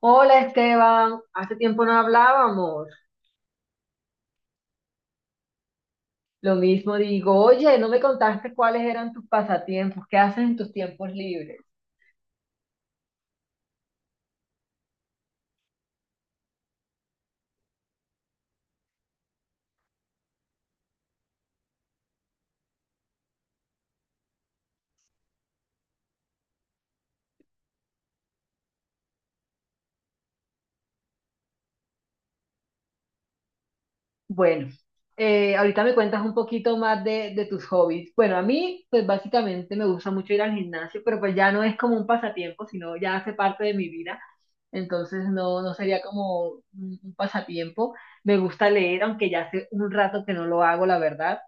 Hola Esteban, hace tiempo no hablábamos. Lo mismo digo, oye, no me contaste cuáles eran tus pasatiempos, qué haces en tus tiempos libres. Bueno, ahorita me cuentas un poquito más de tus hobbies. Bueno, a mí, pues básicamente me gusta mucho ir al gimnasio, pero pues ya no es como un pasatiempo, sino ya hace parte de mi vida. Entonces no, no sería como un pasatiempo. Me gusta leer, aunque ya hace un rato que no lo hago, la verdad.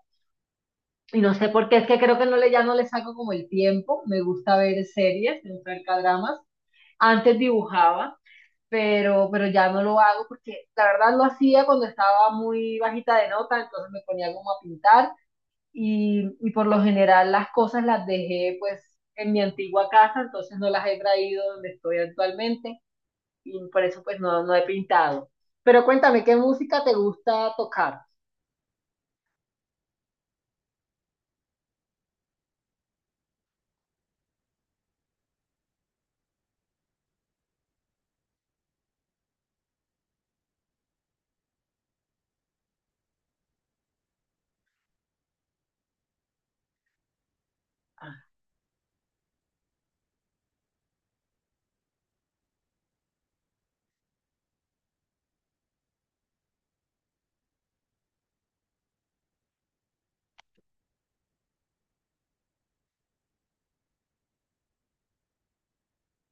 Y no sé por qué, es que creo que no le, ya no le saco como el tiempo. Me gusta ver series, me gusta ver dramas. Antes dibujaba, pero ya no lo hago porque la verdad lo hacía cuando estaba muy bajita de nota, entonces me ponía como a pintar y por lo general las cosas las dejé pues en mi antigua casa, entonces no las he traído donde estoy actualmente y por eso pues no, no he pintado. Pero cuéntame, ¿qué música te gusta tocar? Ah,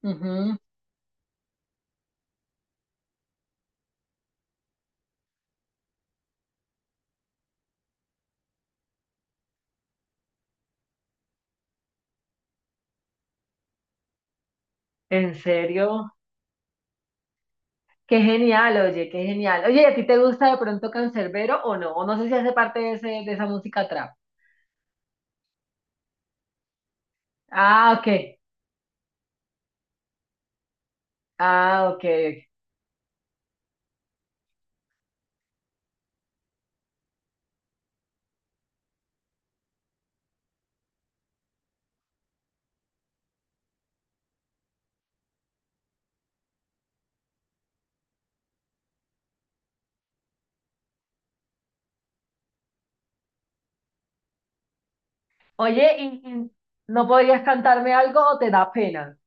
ujú. ¿En serio? Qué genial. Oye, ¿y a ti te gusta de pronto Canserbero o no? O no sé si hace parte de, ese, de esa música trap. Ah, ok. Ah, ok. Ok. Oye, ¿y no podrías cantarme algo o te da pena?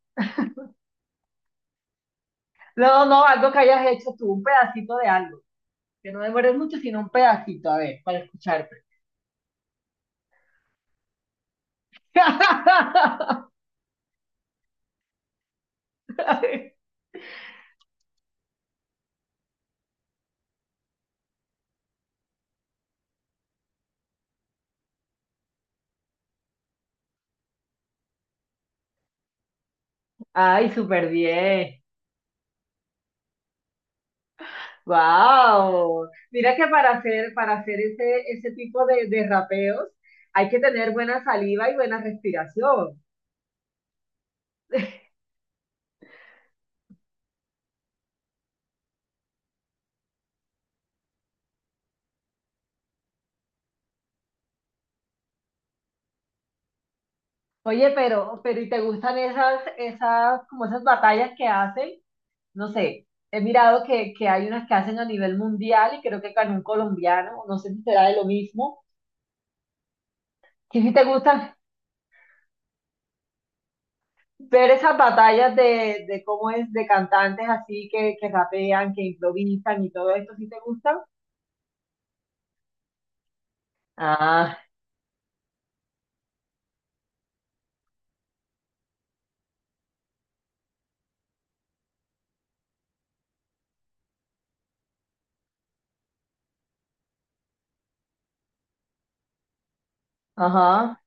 No, no, algo que hayas hecho tú, un pedacito de algo. Que no demores mucho, sino un pedacito, a ver, para escucharte. Ay, súper bien. Wow, mira que para hacer ese tipo de rapeos hay que tener buena saliva y buena respiración. Oye, pero ¿y te gustan como esas batallas que hacen? No sé, he mirado que hay unas que hacen a nivel mundial y creo que con un colombiano, no sé si será de lo mismo. ¿Y si te gustan ver esas batallas de cómo es, de cantantes así que rapean, que improvisan y todo esto? ¿Sí te gustan? Ah, ajá,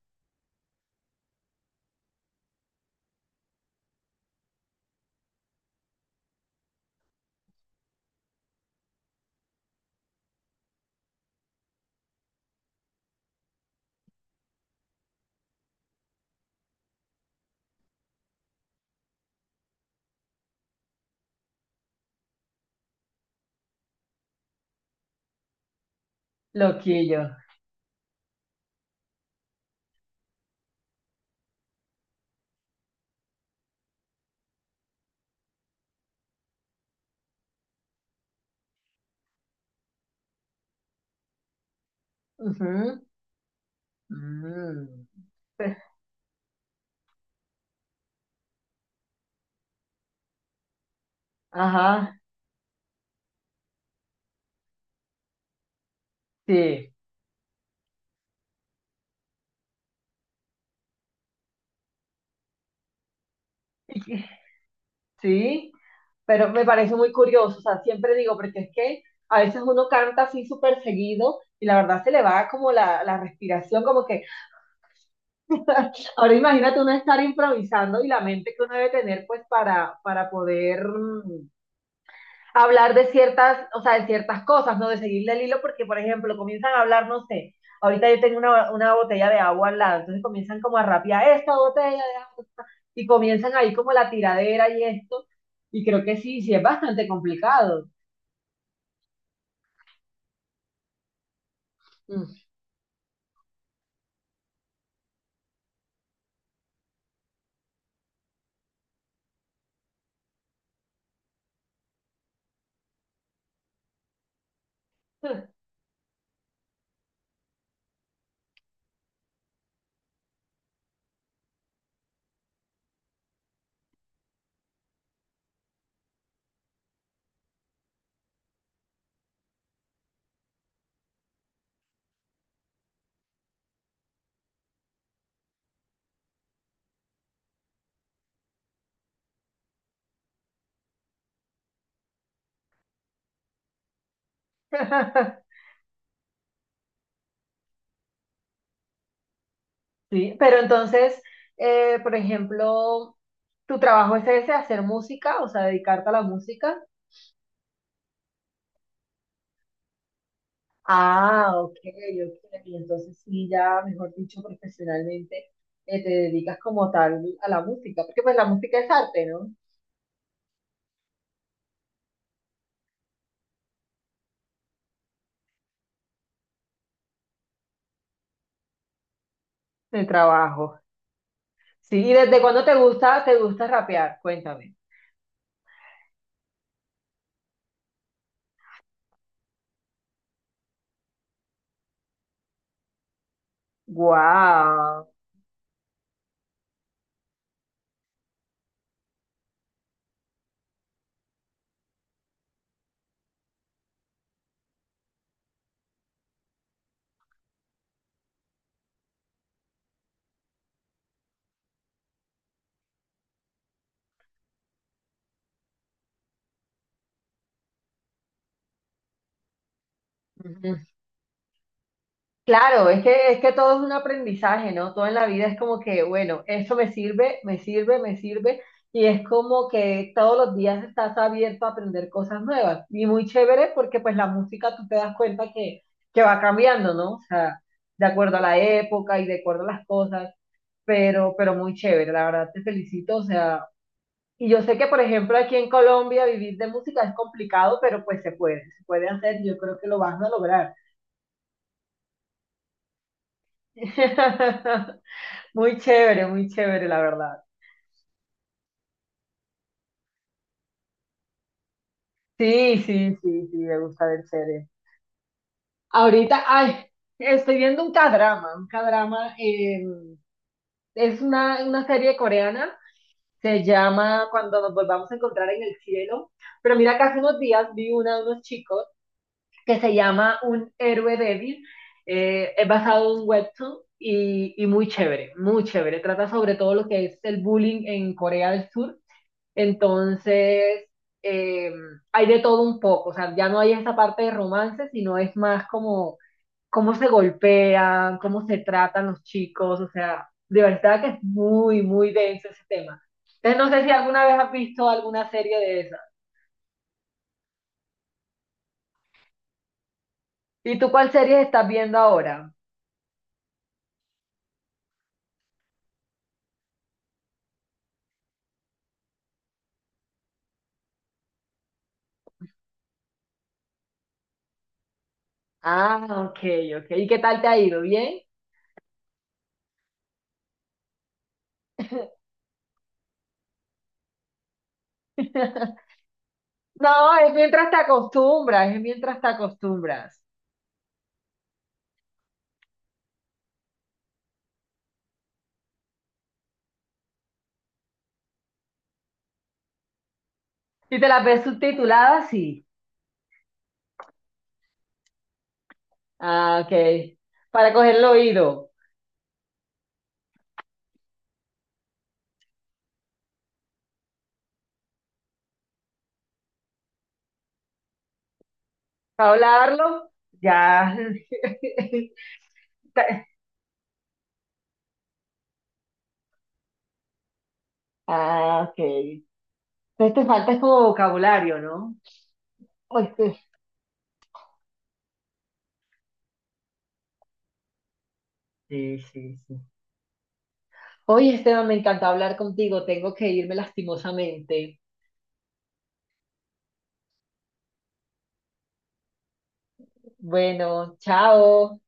loquillo. Ujú. Mm. Pe- Ajá, sí. Y que- Sí, pero me parece muy curioso, o sea, siempre digo, porque es que a veces uno canta así súper seguido y la verdad se le va como la respiración, como que ahora imagínate uno estar improvisando y la mente que uno debe tener pues para poder hablar de ciertas, o sea, de ciertas cosas, ¿no? De seguirle el hilo, porque por ejemplo comienzan a hablar, no sé, ahorita yo tengo una botella de agua al lado, entonces comienzan como a rapear esta botella de agua y comienzan ahí como la tiradera y esto, y creo que sí, sí es bastante complicado. Mm. Sí, pero entonces, por ejemplo, tu trabajo es ese, hacer música, o sea, dedicarte a la música. Ah, ok, ok. Y entonces sí, ya, mejor dicho, profesionalmente, te dedicas como tal a la música, porque pues la música es arte, ¿no? El trabajo. Sí, ¿y desde cuándo te gusta rapear? Cuéntame. Guau. Claro, es que todo es un aprendizaje, ¿no? Todo en la vida es como que, bueno, esto me sirve, me sirve, me sirve, y es como que todos los días estás abierto a aprender cosas nuevas. Y muy chévere porque pues la música tú te das cuenta que va cambiando, ¿no? O sea, de acuerdo a la época y de acuerdo a las cosas, pero muy chévere, la verdad te felicito, o sea, y yo sé que por ejemplo aquí en Colombia vivir de música es complicado, pero pues se puede hacer, yo creo que lo vas a lograr. Muy chévere, la verdad. Sí, sí, sí, sí, me gusta ver series. Ahorita, ay, estoy viendo un K-drama, es una serie coreana, se llama Cuando nos volvamos a encontrar en el cielo, pero mira que hace unos días vi una de unos chicos que se llama Un héroe débil, es basado en un webtoon y muy chévere, trata sobre todo lo que es el bullying en Corea del Sur. Entonces, eh, hay de todo un poco, o sea, ya no hay esa parte de romance, sino es más como cómo se golpean, cómo se tratan los chicos, o sea, de verdad que es muy, muy denso ese tema. Entonces, no sé si alguna vez has visto alguna serie de esas. ¿Y tú cuál serie estás viendo ahora? Ah, ok, ok. ¿Y qué tal te ha ido? ¿Bien? No, es mientras te acostumbras, es mientras te acostumbras. Si te las ves subtituladas, sí. Ah, ok. Para coger el oído. Para hablarlo, ya. Ah, ok. Entonces te falta es como vocabulario, ¿no? Oye, sí, sí, sí. Sí. Oye, Esteban, me encantó hablar contigo. Tengo que irme lastimosamente. Bueno, chao.